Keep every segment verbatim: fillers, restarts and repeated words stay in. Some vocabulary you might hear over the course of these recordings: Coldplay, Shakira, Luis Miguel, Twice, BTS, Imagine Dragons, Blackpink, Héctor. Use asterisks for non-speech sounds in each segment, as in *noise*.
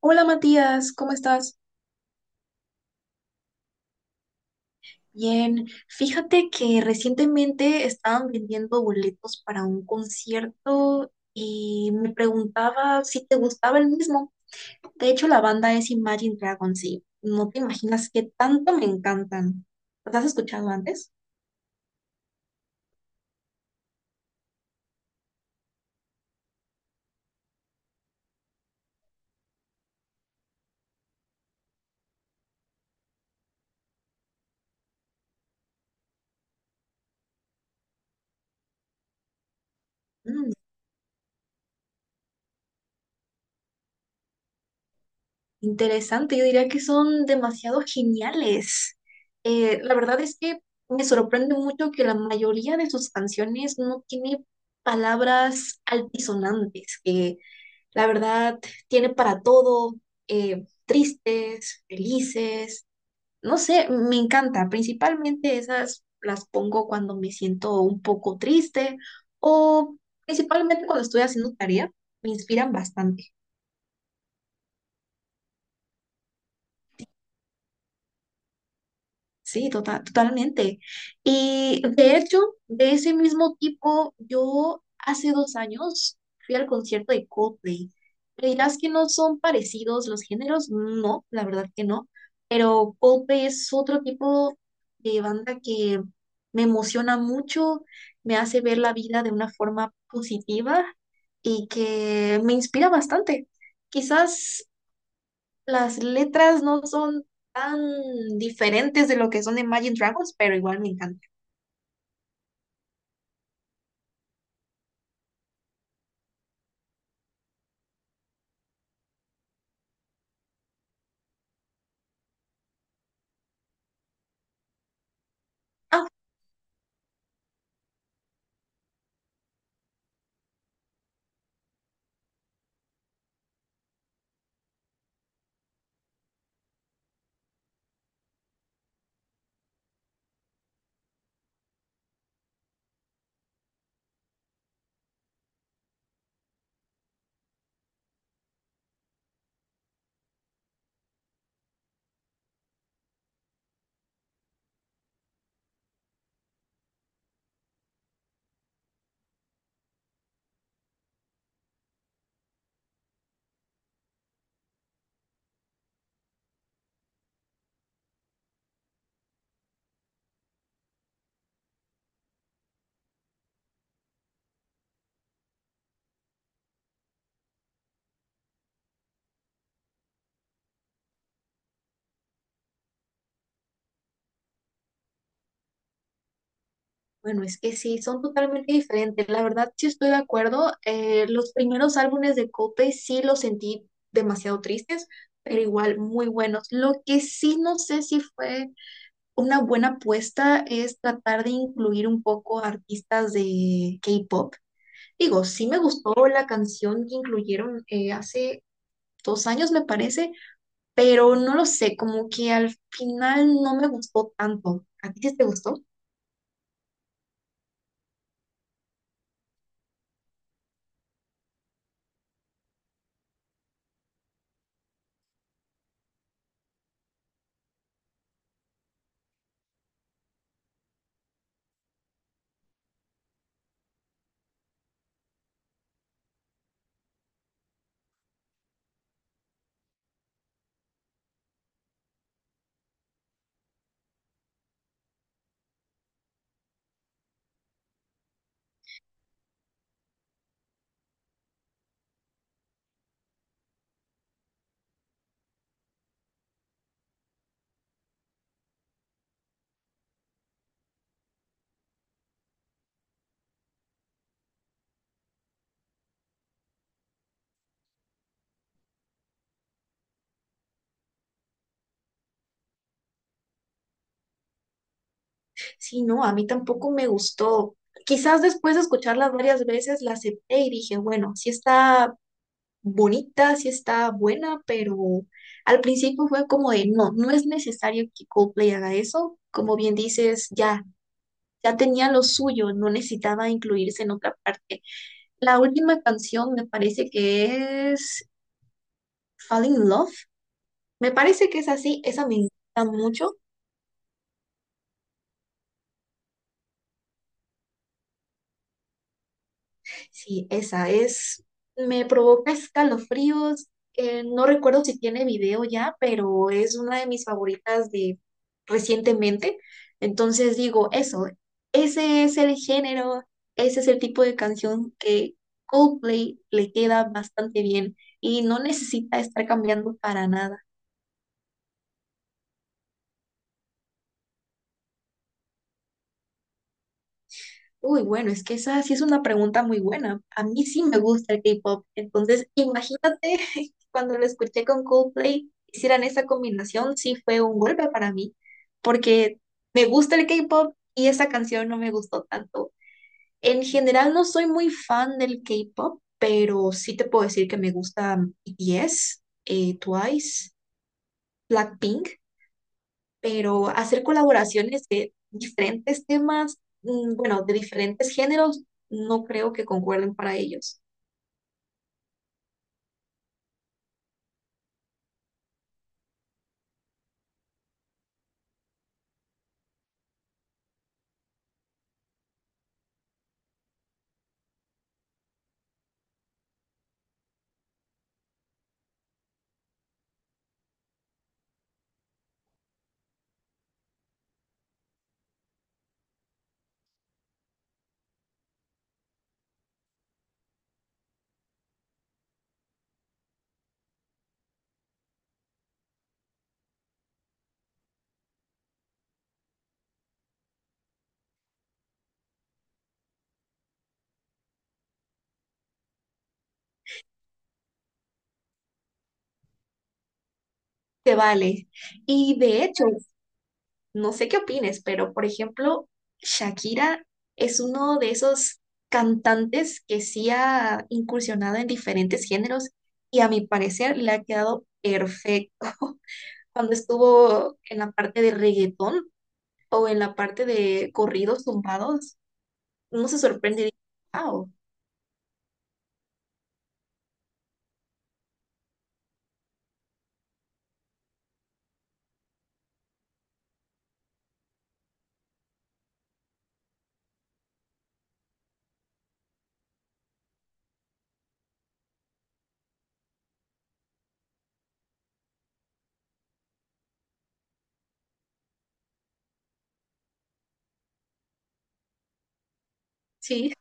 Hola Matías, ¿cómo estás? Bien, fíjate que recientemente estaban vendiendo boletos para un concierto y me preguntaba si te gustaba el mismo. De hecho, la banda es Imagine Dragons y no te imaginas qué tanto me encantan. ¿Los has escuchado antes? Mm. Interesante, yo diría que son demasiado geniales. Eh, la verdad es que me sorprende mucho que la mayoría de sus canciones no tiene palabras altisonantes, que la verdad, tiene para todo, eh, tristes, felices, no sé, me encanta. Principalmente esas las pongo cuando me siento un poco triste o principalmente cuando estoy haciendo tarea, me inspiran bastante. Sí, tota- totalmente. Y de hecho, de ese mismo tipo, yo hace dos años fui al concierto de Coldplay. Me dirás que no son parecidos los géneros, no, la verdad que no, pero Coldplay es otro tipo de banda que me emociona mucho, me hace ver la vida de una forma positiva y que me inspira bastante. Quizás las letras no son tan diferentes de lo que son de Imagine Dragons, pero igual me encanta. Ah, bueno, es que sí, son totalmente diferentes. La verdad, sí estoy de acuerdo. Eh, los primeros álbumes de Coldplay sí los sentí demasiado tristes, pero igual muy buenos. Lo que sí no sé si fue una buena apuesta es tratar de incluir un poco artistas de K-pop. Digo, sí me gustó la canción que incluyeron eh, hace dos años, me parece, pero no lo sé, como que al final no me gustó tanto. ¿A ti sí te gustó? Sí, no, a mí tampoco me gustó. Quizás después de escucharla varias veces la acepté y dije, bueno, sí está bonita, sí está buena, pero al principio fue como de, no, no es necesario que Coldplay haga eso. Como bien dices, ya, ya tenía lo suyo, no necesitaba incluirse en otra parte. La última canción me parece que es Falling in Love. Me parece que es así, esa me encanta mucho. Sí, esa es, me provoca escalofríos. Eh, no recuerdo si tiene video ya, pero es una de mis favoritas de recientemente. Entonces digo, eso, ese es el género, ese es el tipo de canción que Coldplay le queda bastante bien y no necesita estar cambiando para nada. Uy, bueno, es que esa sí es una pregunta muy buena. A mí sí me gusta el K-pop. Entonces, imagínate *laughs* cuando lo escuché con Coldplay, hicieran esa combinación, sí fue un golpe para mí, porque me gusta el K-pop y esa canción no me gustó tanto. En general, no soy muy fan del K-pop, pero sí te puedo decir que me gusta B T S, eh, Twice, Blackpink, pero hacer colaboraciones de diferentes temas, mm, bueno, de diferentes géneros, no creo que concuerden para ellos. Se vale. Y de hecho, no sé qué opines, pero por ejemplo, Shakira es uno de esos cantantes que sí ha incursionado en diferentes géneros y a mi parecer le ha quedado perfecto. *laughs* Cuando estuvo en la parte de reggaetón o en la parte de corridos tumbados, uno se sorprende y dice, wow. Sí,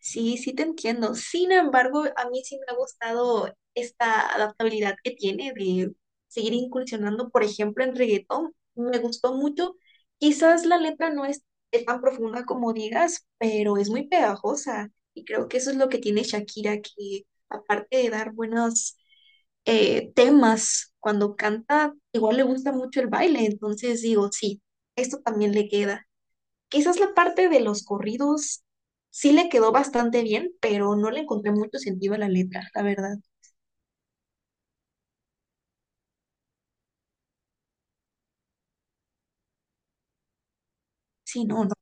sí, sí te entiendo. Sin embargo, a mí sí me ha gustado esta adaptabilidad que tiene de seguir incursionando, por ejemplo, en reggaetón. Me gustó mucho. Quizás la letra no es, es tan profunda como digas, pero es muy pegajosa. Y creo que eso es lo que tiene Shakira, que aparte de dar buenos eh, temas cuando canta, igual le gusta mucho el baile. Entonces digo, sí, esto también le queda. Quizás la parte de los corridos sí le quedó bastante bien, pero no le encontré mucho sentido a la letra, la verdad. Sí, no, no.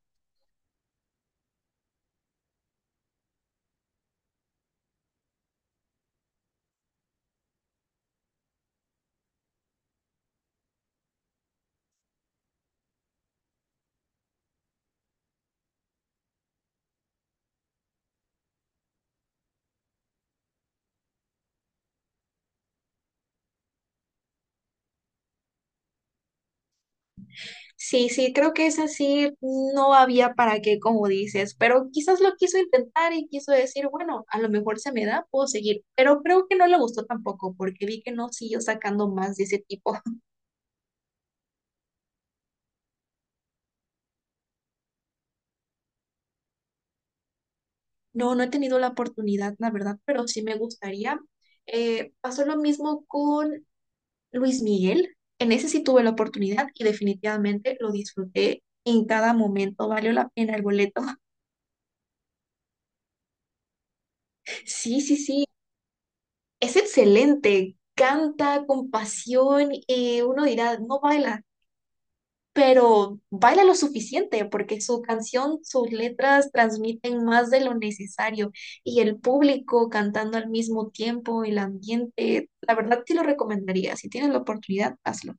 Sí, sí, creo que es así, no había para qué, como dices, pero quizás lo quiso intentar y quiso decir, bueno, a lo mejor se me da, puedo seguir, pero creo que no le gustó tampoco, porque vi que no siguió sacando más de ese tipo. *laughs* No, no he tenido la oportunidad, la verdad, pero sí me gustaría. Eh, pasó lo mismo con Luis Miguel, en ese sí tuve la oportunidad y definitivamente lo disfruté en cada momento, valió la pena el boleto. *laughs* Sí, sí, sí, es excelente, canta con pasión y uno dirá, no baila, pero baila lo suficiente porque su canción, sus letras transmiten más de lo necesario y el público cantando al mismo tiempo, el ambiente, la verdad sí lo recomendaría, si tienes la oportunidad, hazlo.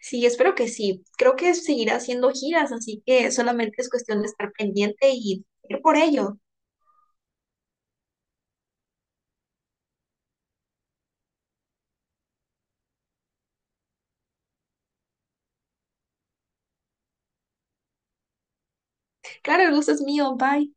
Sí, espero que sí. Creo que seguirá haciendo giras, así que solamente es cuestión de estar pendiente y ir por ello. Claro, el gusto es mío. Bye.